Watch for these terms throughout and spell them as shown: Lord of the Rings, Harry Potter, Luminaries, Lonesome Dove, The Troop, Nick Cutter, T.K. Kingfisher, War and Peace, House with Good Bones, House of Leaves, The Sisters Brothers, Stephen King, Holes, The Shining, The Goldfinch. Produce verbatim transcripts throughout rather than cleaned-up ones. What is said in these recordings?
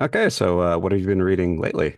Okay, so uh, what have you been reading lately?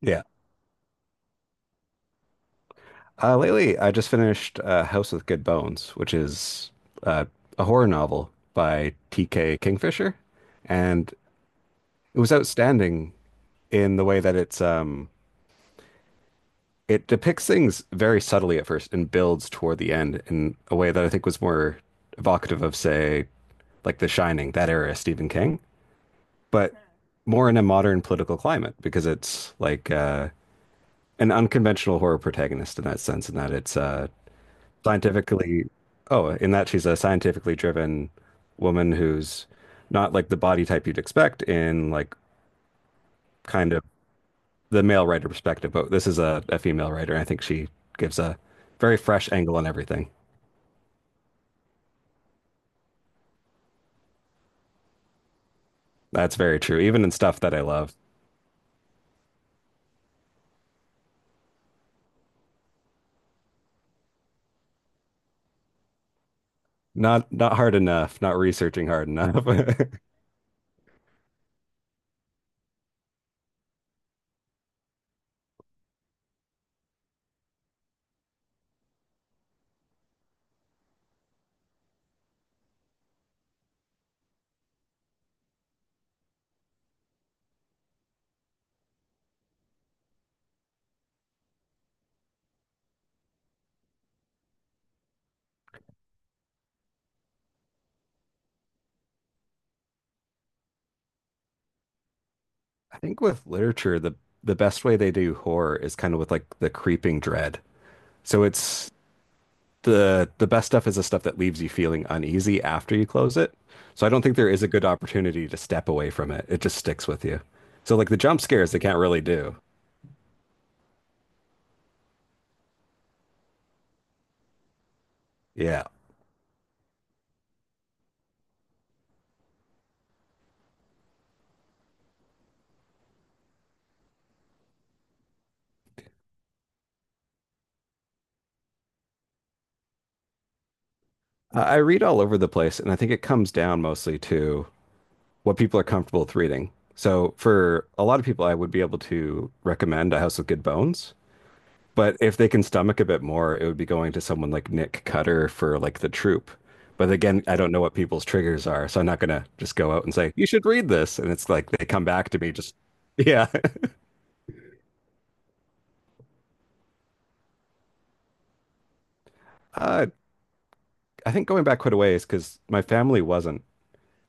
Yeah. Uh, lately, I just finished uh, House with Good Bones, which is uh, a horror novel by T K. Kingfisher, and it was outstanding in the way that it's um, it depicts things very subtly at first and builds toward the end in a way that I think was more evocative of, say, like The Shining, that era of Stephen King, but more in a modern political climate because it's like uh, an unconventional horror protagonist in that sense, in that it's uh, scientifically, oh, in that she's a scientifically driven woman who's not like the body type you'd expect in like kind of the male writer perspective, but this is a, a female writer. I think she gives a very fresh angle on everything. That's very true, even in stuff that I love. Not not hard enough, not researching hard enough. I think with literature, the the best way they do horror is kind of with like the creeping dread. So it's the the best stuff is the stuff that leaves you feeling uneasy after you close it. So I don't think there is a good opportunity to step away from it. It just sticks with you. So like the jump scares they can't really do. Yeah. I I read all over the place, and I think it comes down mostly to what people are comfortable with reading. So, for a lot of people, I would be able to recommend A House with Good Bones, but if they can stomach a bit more, it would be going to someone like Nick Cutter for like The Troop. But again, I don't know what people's triggers are, so I'm not gonna just go out and say you should read this, and it's like they come back to me just yeah. Uh, I think going back quite a ways because my family wasn't,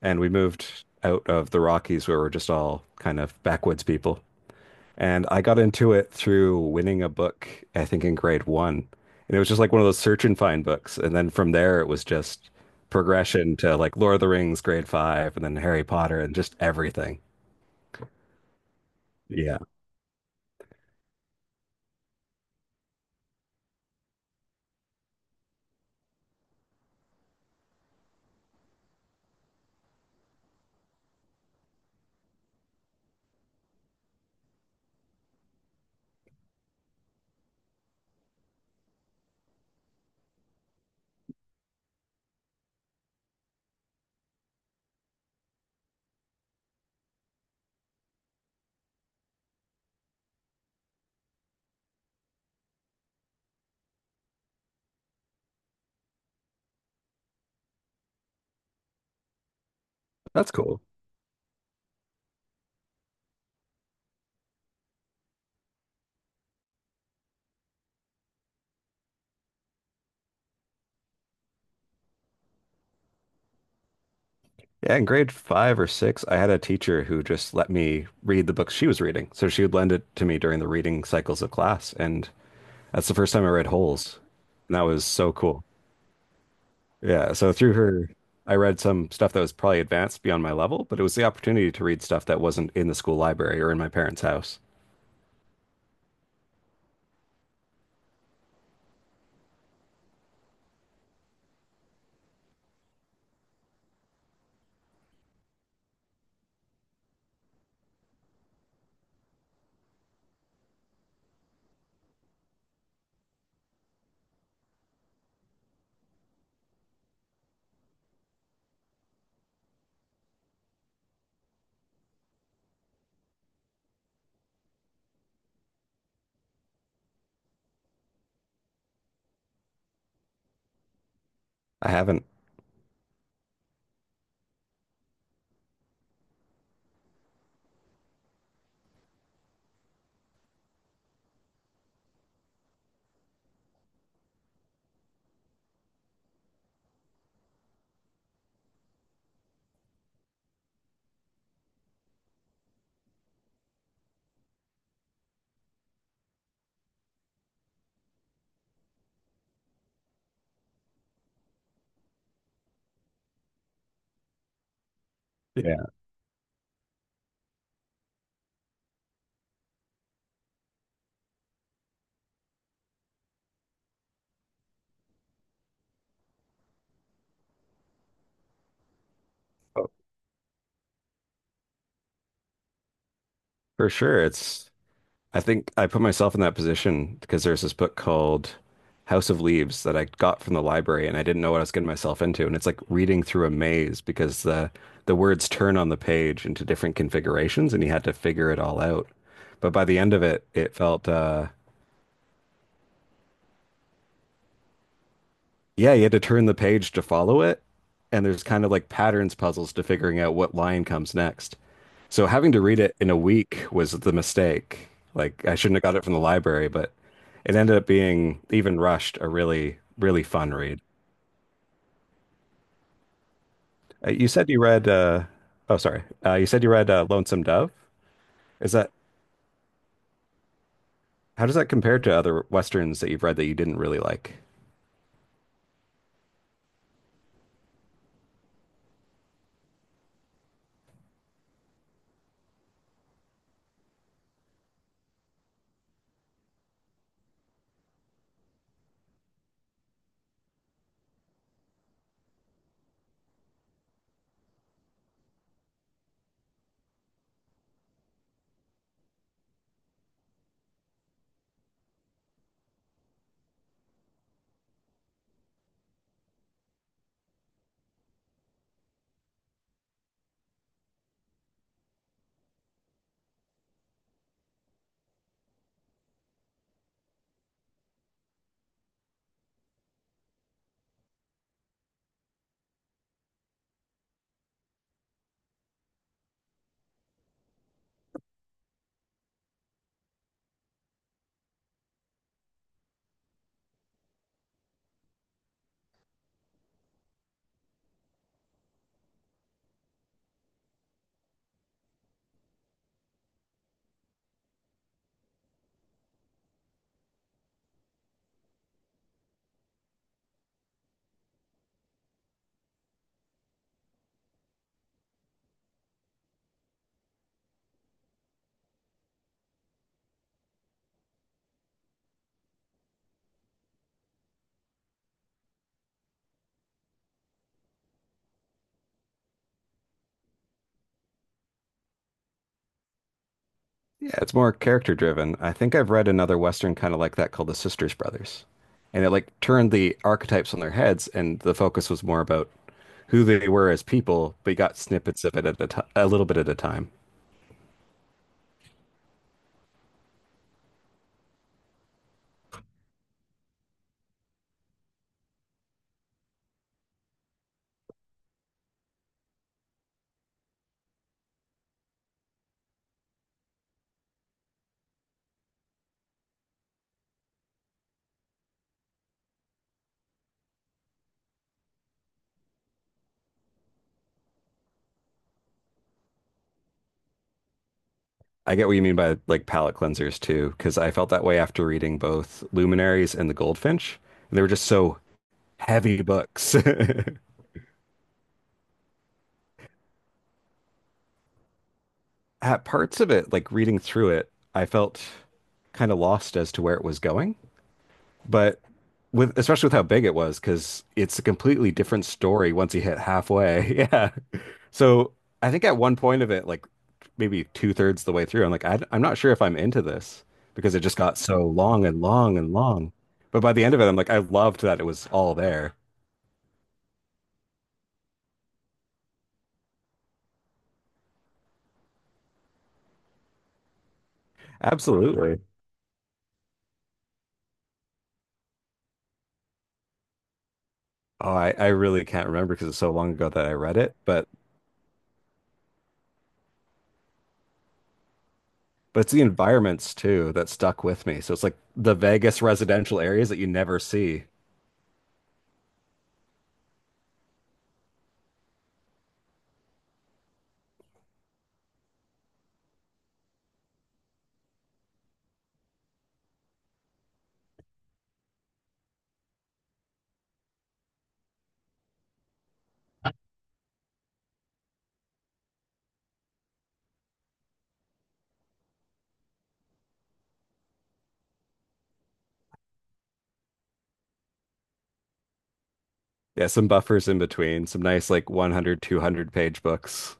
and we moved out of the Rockies where we're just all kind of backwoods people. And I got into it through winning a book, I think in grade one. And it was just like one of those search and find books. And then from there, it was just progression to like Lord of the Rings, grade five, and then Harry Potter and just everything. Yeah, that's cool. Yeah, in grade five or six, I had a teacher who just let me read the books she was reading. So she would lend it to me during the reading cycles of class. And that's the first time I read Holes. And that was so cool. Yeah, so through her, I read some stuff that was probably advanced beyond my level, but it was the opportunity to read stuff that wasn't in the school library or in my parents' house. I haven't, yeah, oh, for sure. It's, I think I put myself in that position because there's this book called House of Leaves that I got from the library and I didn't know what I was getting myself into. And it's like reading through a maze because the the words turn on the page into different configurations and you had to figure it all out. But by the end of it, it felt uh yeah, you had to turn the page to follow it, and there's kind of like patterns puzzles to figuring out what line comes next. So having to read it in a week was the mistake. Like I shouldn't have got it from the library, but it ended up being even rushed a really really fun read. Uh, you said you read uh oh sorry. Uh you said you read uh, Lonesome Dove. Is that how does that compare to other westerns that you've read that you didn't really like? Yeah, it's more character driven. I think I've read another Western kind of like that called The Sisters Brothers. And it like turned the archetypes on their heads, and the focus was more about who they were as people, but you got snippets of it at a, t a little bit at a time. I get what you mean by like palate cleansers too, because I felt that way after reading both Luminaries and The Goldfinch. They were just so heavy books. At parts of it, like reading through it, I felt kind of lost as to where it was going. But with especially with how big it was, because it's a completely different story once you hit halfway. Yeah. So I think at one point of it, like maybe two thirds the way through, I'm like, I, I'm not sure if I'm into this because it just got so long and long and long. But by the end of it, I'm like, I loved that it was all there. Absolutely. Oh, I, I really can't remember because it's so long ago that I read it, but but it's the environments too that stuck with me. So it's like the Vegas residential areas that you never see. Yeah, some buffers in between, some nice like one hundred, two hundred page books.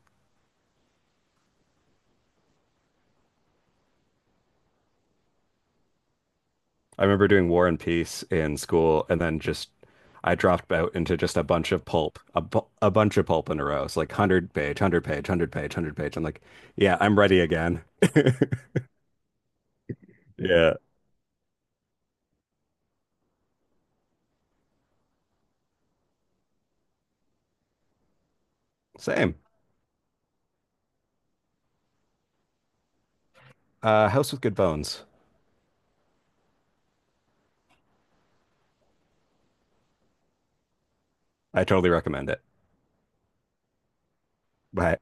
I remember doing War and Peace in school and then just I dropped out into just a bunch of pulp, a, bu- a bunch of pulp in a row. It's like one hundred page, one hundred page, one hundred page, one hundred page. I'm like, yeah, I'm ready again. Yeah. Same. Uh, House with Good Bones. I totally recommend it. Bye.